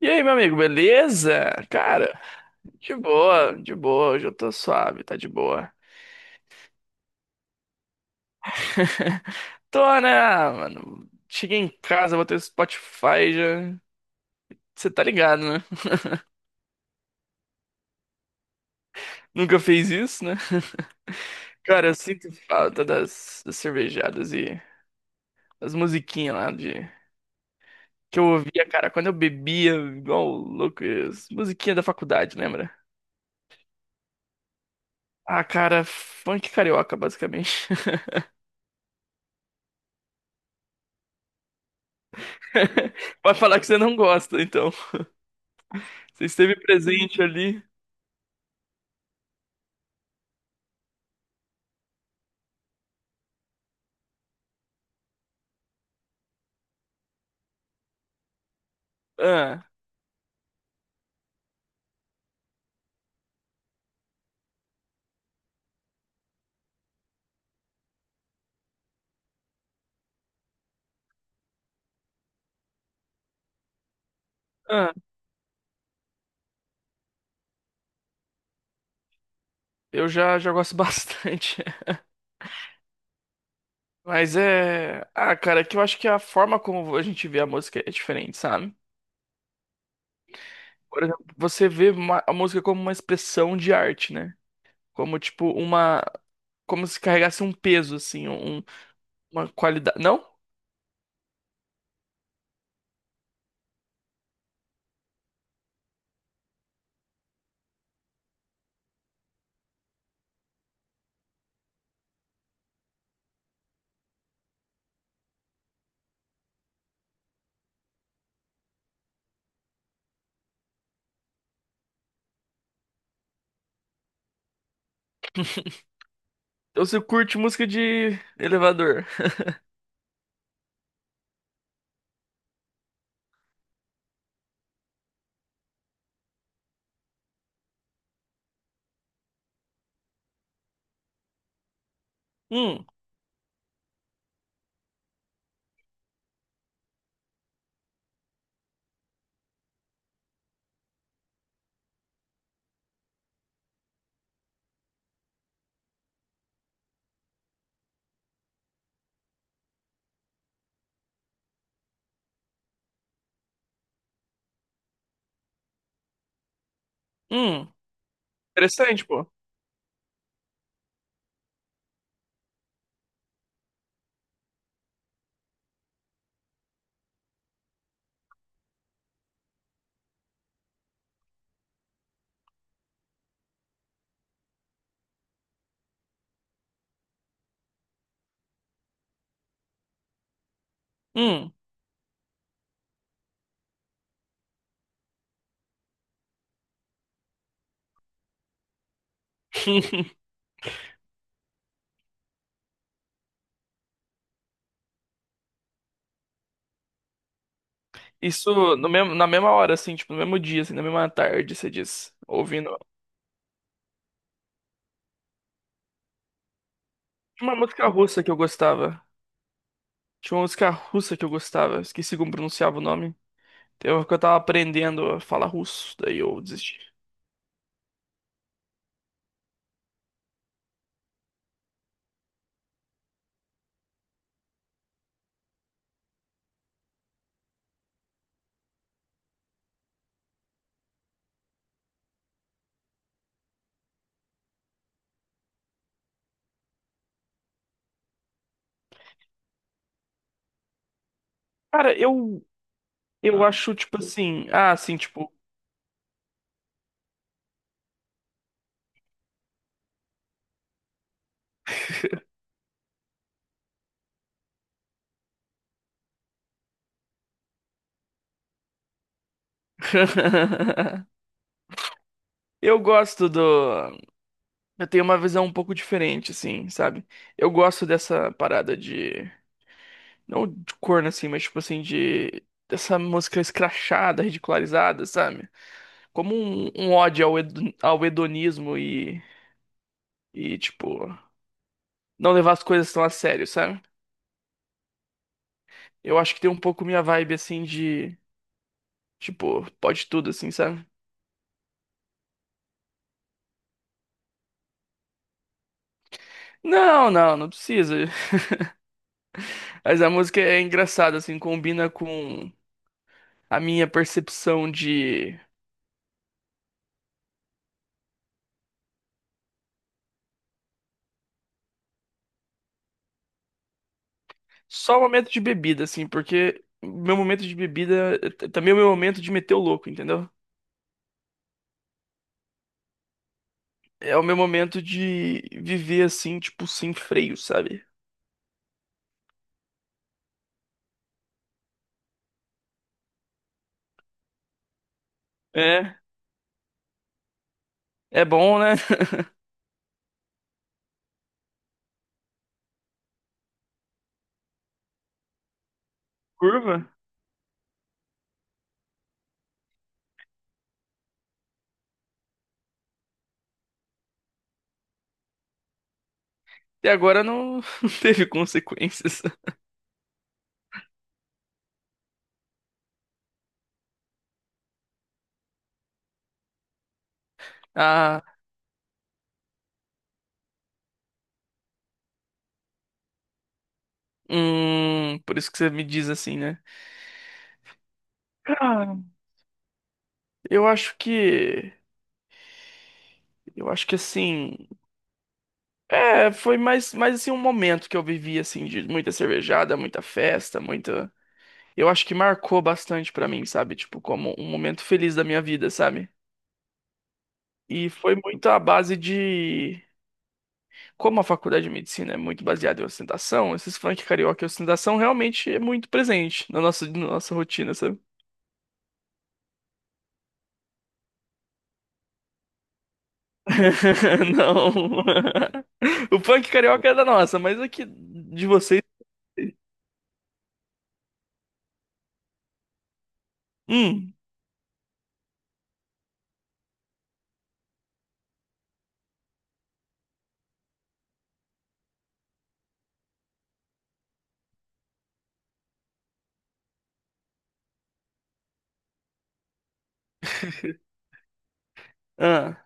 E aí, meu amigo, beleza? Cara, de boa, hoje eu tô suave, tá de boa. Tô, né, mano? Cheguei em casa, botei o Spotify já. Você tá ligado, né? Nunca fez isso, né? Cara, eu sinto falta das cervejadas e das musiquinhas lá de. Que eu ouvia, cara, quando eu bebia, igual louco, as musiquinhas da faculdade, lembra? Ah, cara, funk carioca, basicamente. Vai falar que você não gosta, então. Você esteve presente ali. Ah, ah, eu já gosto bastante. Mas é. Ah, cara, é que eu acho que a forma como a gente vê a música é diferente, sabe? Por exemplo, a música como uma expressão de arte, né? Como, tipo, uma. Como se carregasse um peso, assim, uma qualidade. Não? Então você curte música de elevador. Hum, hum. Interessante, pô. Hum. Isso no mesmo, na mesma hora, assim, tipo, no mesmo dia, assim, na mesma tarde, você diz. Ouvindo. Tinha uma música russa que eu gostava. Tinha uma música russa que eu gostava. Esqueci como pronunciava o nome. Eu, que eu tava aprendendo a falar russo, daí eu desisti. Cara, acho, tipo assim. Ah, assim, tipo. Eu gosto do. Eu tenho uma visão um pouco diferente, assim, sabe? Eu gosto dessa parada de. Não de corno, assim, mas tipo assim, de. Dessa música escrachada, ridicularizada, sabe? Como um ódio ao, ao hedonismo e, tipo, não levar as coisas tão a sério, sabe? Eu acho que tem um pouco minha vibe, assim, de, tipo, pode tudo, assim, sabe? Não precisa. Mas a música é engraçada, assim, combina com a minha percepção de só o momento de bebida, assim, porque meu momento de bebida também é o meu momento de meter o louco, entendeu? É o meu momento de viver, assim, tipo, sem freio, sabe? É, é bom, né? Curva. E agora não, não teve consequências. Ah, por isso que você me diz assim, né? Cara, eu acho que, eu acho que assim, é, foi mais, mais assim um momento que eu vivi assim de muita cervejada, muita festa, muita. Eu acho que marcou bastante pra mim, sabe? Tipo, como um momento feliz da minha vida, sabe? E foi muito à base de. Como a faculdade de medicina é muito baseada em ostentação, esses funk carioca e ostentação realmente é muito presente na nossa rotina, sabe? Não. O punk carioca é da nossa, mas aqui de vocês. Hum. Ah.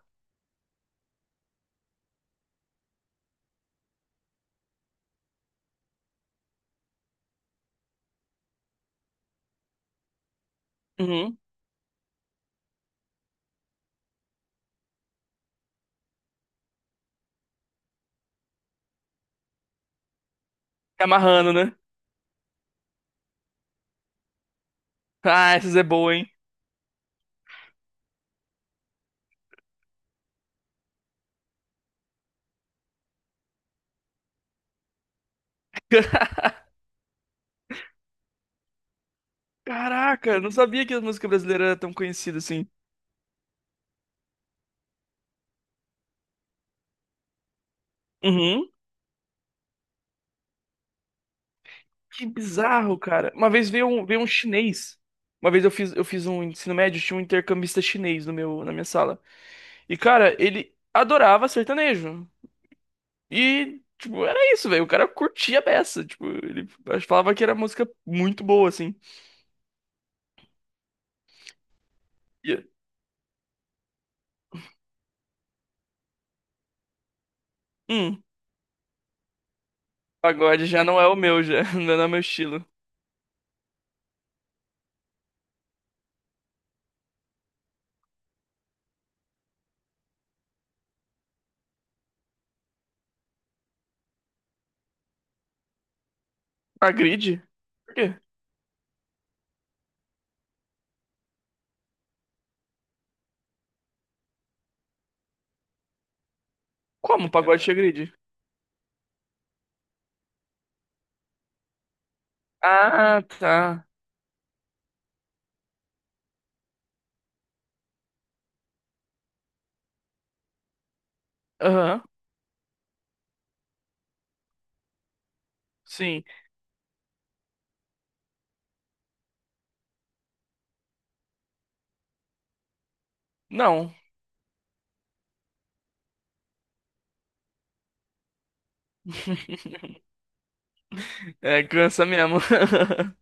Uhum. Tá amarrando, né? Ah, essas é boa, hein? Caraca, não sabia que a música brasileira era tão conhecida assim. Uhum. Que bizarro, cara. Uma vez veio veio um chinês. Uma vez eu fiz um ensino médio, tinha um intercambista chinês no meu, na minha sala. E, cara, ele adorava sertanejo. E, tipo, era isso, velho. O cara curtia a beça. Tipo, ele falava que era música muito boa, assim. E, hum, pagode já não é o meu, já. Não é o meu estilo. Agride? Por quê? Como pagode te agride? Ah, tá. Aham, sim. Não. É, cansa mesmo.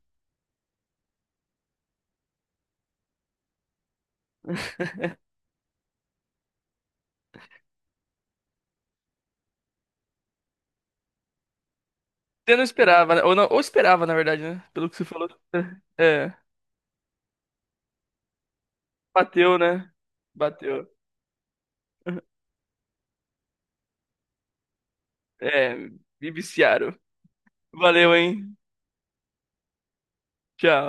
Você não esperava, né? Ou, não, ou esperava, na verdade, né? Pelo que você falou. É, bateu, né? Bateu. É, me viciaram. Valeu, hein? Tchau.